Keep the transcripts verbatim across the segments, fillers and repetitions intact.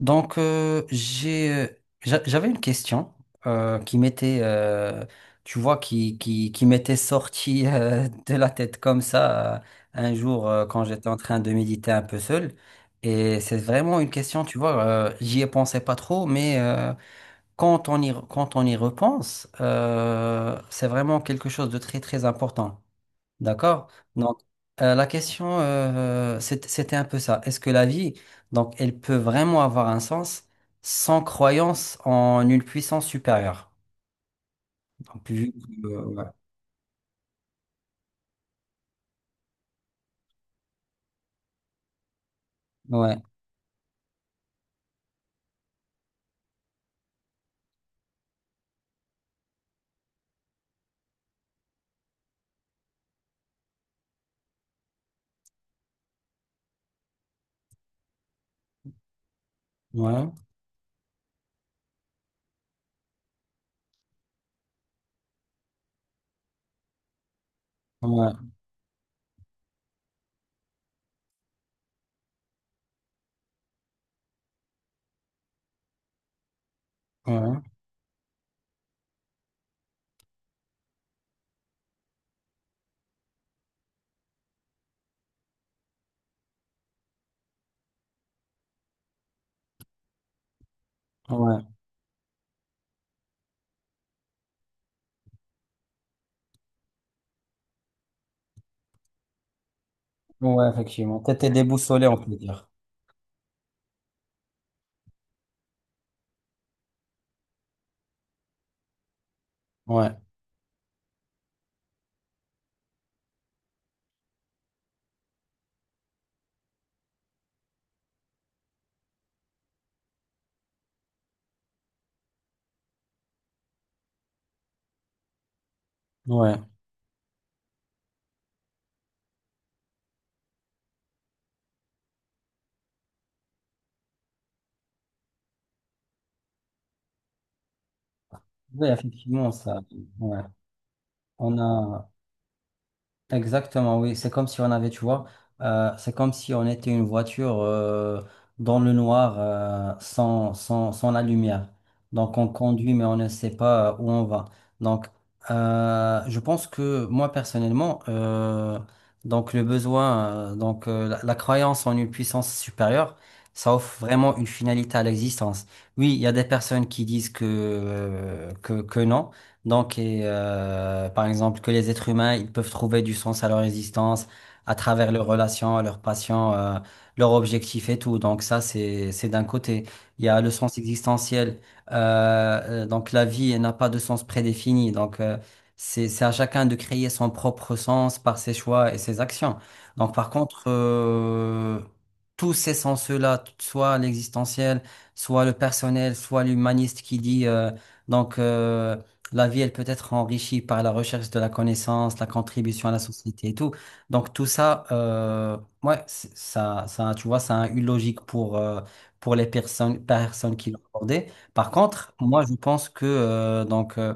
Donc, euh, j'ai, euh, j'a- J'avais une question euh, qui m'était, euh, tu vois, qui, qui, qui m'était sortie euh, de la tête comme ça euh, un jour euh, quand j'étais en train de méditer un peu seul. Et c'est vraiment une question, tu vois, euh, j'y ai pensé pas trop, mais euh, quand on y, re- quand on y repense, euh, c'est vraiment quelque chose de très, très important. D'accord? Donc, euh, la question, euh, c'est- c'était un peu ça. Est-ce que la vie, donc, elle peut vraiment avoir un sens sans croyance en une puissance supérieure? Donc, vu que, euh, ouais, ouais, ouais, ouais, ouais, ouais, ouais, effectivement. T'étais déboussolé, on peut dire. Ouais, ouais. Oui, effectivement, ça. Ouais. On a. Exactement, oui. C'est comme si on avait, tu vois, euh, c'est comme si on était une voiture euh, dans le noir euh, sans, sans, sans la lumière. Donc on conduit, mais on ne sait pas euh, où on va. Donc euh, je pense que moi personnellement, euh, donc le besoin, euh, donc euh, la, la croyance en une puissance supérieure, ça offre vraiment une finalité à l'existence. Oui, il y a des personnes qui disent que, euh, que, que non. Donc, et, euh, par exemple, que les êtres humains, ils peuvent trouver du sens à leur existence à travers leurs relations, leurs passions, euh, leurs objectifs et tout. Donc ça, c'est c'est d'un côté. Il y a le sens existentiel. Euh, euh, donc la vie, elle n'a pas de sens prédéfini. Donc euh, c'est c'est à chacun de créer son propre sens par ses choix et ses actions. Donc par contre, euh, tous ces sens-là, soit l'existentiel, soit le personnel, soit l'humaniste qui dit euh, donc. euh, la vie, elle peut être enrichie par la recherche de la connaissance, la contribution à la société et tout. Donc tout ça, euh, ouais, c'est- ça, ça, tu vois, ça a une logique pour, euh, pour les personnes, personnes qui l'ont abordé. Par contre, moi, je pense que euh, donc euh,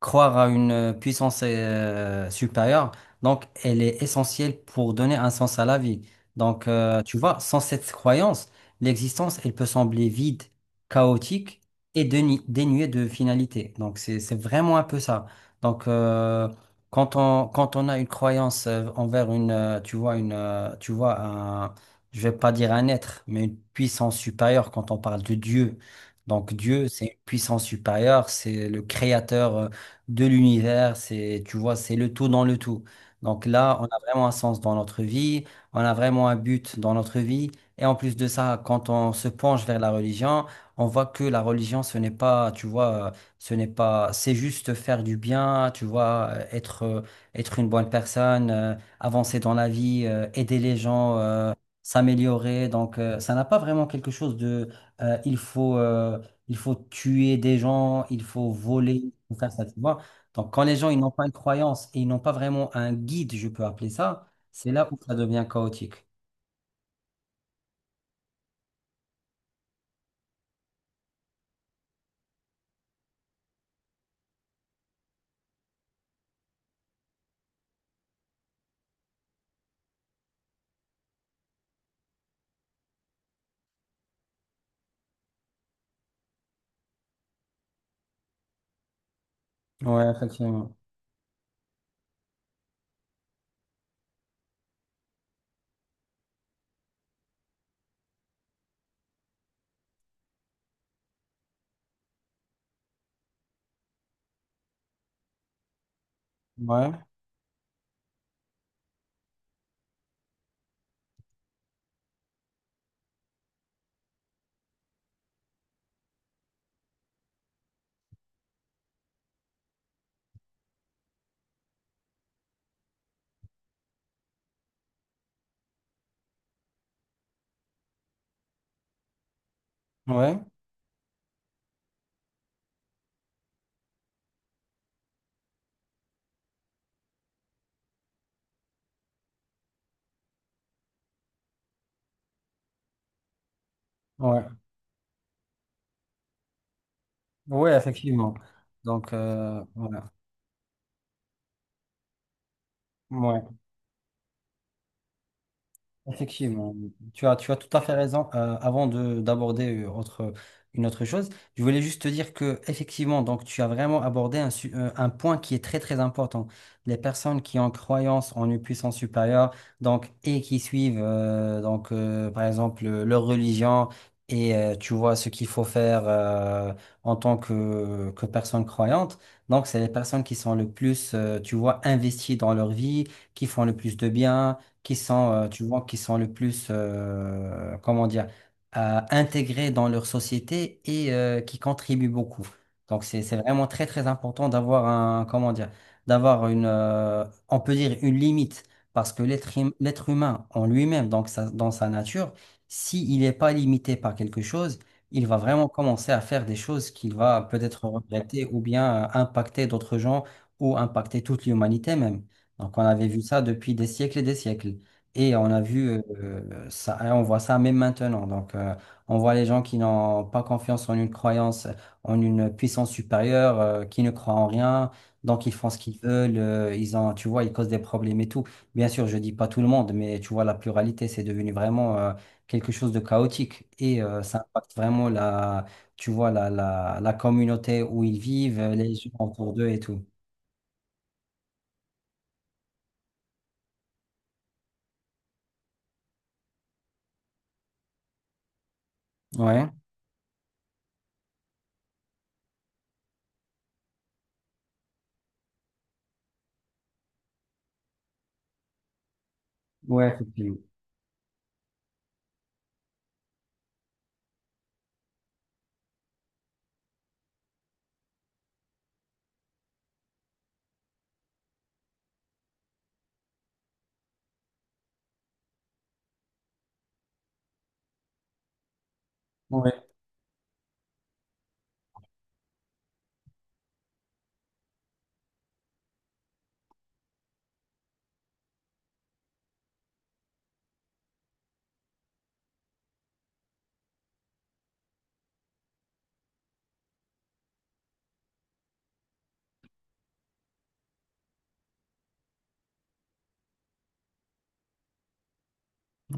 croire à une puissance euh, supérieure, donc elle est essentielle pour donner un sens à la vie. Donc euh, tu vois, sans cette croyance, l'existence, elle peut sembler vide, chaotique et dénu- dénué de finalité. Donc, c'est, c'est vraiment un peu ça. Donc, euh, quand on, quand on a une croyance euh, envers une, euh, tu vois, une, euh, tu vois, un, je vais pas dire un être, mais une puissance supérieure quand on parle de Dieu. Donc, Dieu, c'est une puissance supérieure, c'est le créateur euh, de l'univers, c'est, tu vois, c'est le tout dans le tout. Donc là, on a vraiment un sens dans notre vie, on a vraiment un but dans notre vie. Et en plus de ça, quand on se penche vers la religion, on voit que la religion, ce n'est pas, tu vois, euh, ce n'est pas, c'est juste faire du bien, tu vois, euh, être, euh, être une bonne personne, euh, avancer dans la vie, euh, aider les gens, euh, s'améliorer. Donc, euh, ça n'a pas vraiment quelque chose de, euh, il faut, euh, il faut tuer des gens, il faut voler, il faut faire ça, tu vois. Donc, quand les gens, ils n'ont pas une croyance et ils n'ont pas vraiment un guide, je peux appeler ça, c'est là où ça devient chaotique. Ouais, effectivement. Ouais, ouais, ouais. Oui, effectivement. Donc, euh, voilà. Ouais. Effectivement, tu as, tu as tout à fait raison. Euh, avant de d'aborder euh, autre, une autre chose, je voulais juste te dire que effectivement, donc tu as vraiment abordé un, su- euh, un point qui est très très important. Les personnes qui ont croyance en une puissance supérieure, donc et qui suivent euh, donc euh, par exemple euh, leur religion et euh, tu vois ce qu'il faut faire euh, en tant que que personne croyante. Donc c'est les personnes qui sont le plus, euh, tu vois, investies dans leur vie, qui font le plus de bien qui sont, euh, tu vois, qui sont le plus, euh, comment dire, euh, intégrés dans leur société et euh, qui contribuent beaucoup. Donc, c'est, c'est vraiment très, très important d'avoir un, comment dire, d'avoir une, euh, on peut dire une limite, parce que l'être hum- l'être humain en lui-même, donc sa- dans sa nature, s'il n'est pas limité par quelque chose, il va vraiment commencer à faire des choses qu'il va peut-être regretter ou bien euh, impacter d'autres gens ou impacter toute l'humanité même. Donc, on avait vu ça depuis des siècles et des siècles. Et on a vu euh, ça, et on voit ça même maintenant. Donc, euh, on voit les gens qui n'ont pas confiance en une croyance, en une puissance supérieure, euh, qui ne croient en rien. Donc, ils font ce qu'ils veulent. Euh, ils ont, tu vois, ils causent des problèmes et tout. Bien sûr, je dis pas tout le monde, mais tu vois, la pluralité, c'est devenu vraiment euh, quelque chose de chaotique. Et euh, ça impacte vraiment la, tu vois, la, la, la communauté où ils vivent, les gens autour d'eux et tout. Ouais, ouais, effectivement.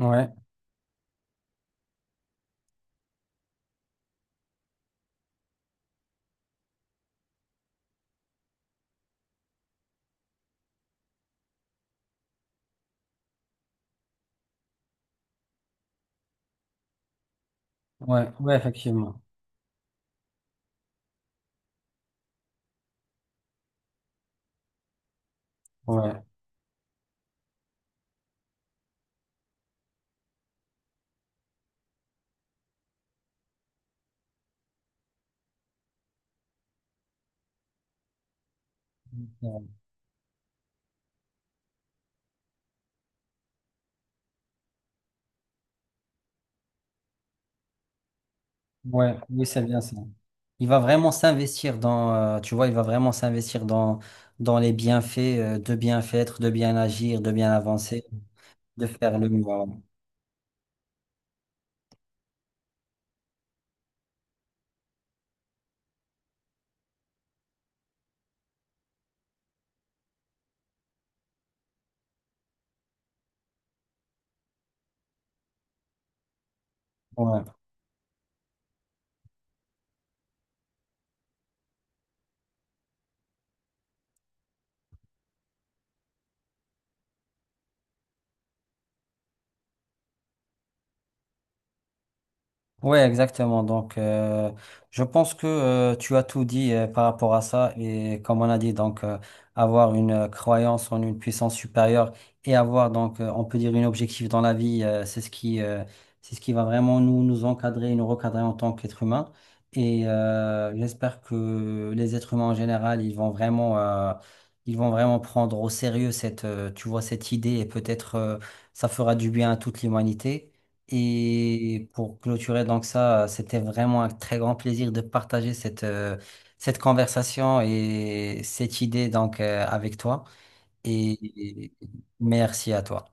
Ouais, ouais, ouais, effectivement. Ouais. Ouais, oui, c'est bien ça. Il va vraiment s'investir dans, euh, tu vois, il va vraiment s'investir dans, dans les bienfaits, euh, de bien faire, de bien agir, de bien avancer, de faire le mieux. Ouais. Ouais, exactement. Donc, euh, je pense que euh, tu as tout dit euh, par rapport à ça. Et comme on a dit, donc, euh, avoir une euh, croyance en une puissance supérieure et avoir, donc, euh, on peut dire, une objectif dans la vie, euh, c'est ce qui, euh, c'est ce qui va vraiment nous, nous encadrer et nous recadrer en tant qu'être humain. Et euh, j'espère que les êtres humains en général, ils vont vraiment, euh, ils vont vraiment prendre au sérieux cette, euh, tu vois, cette idée et peut-être euh, ça fera du bien à toute l'humanité. Et pour clôturer donc ça, euh, c'était vraiment un très grand plaisir de partager cette, euh, cette conversation et cette idée donc euh, avec toi. Et et merci à toi.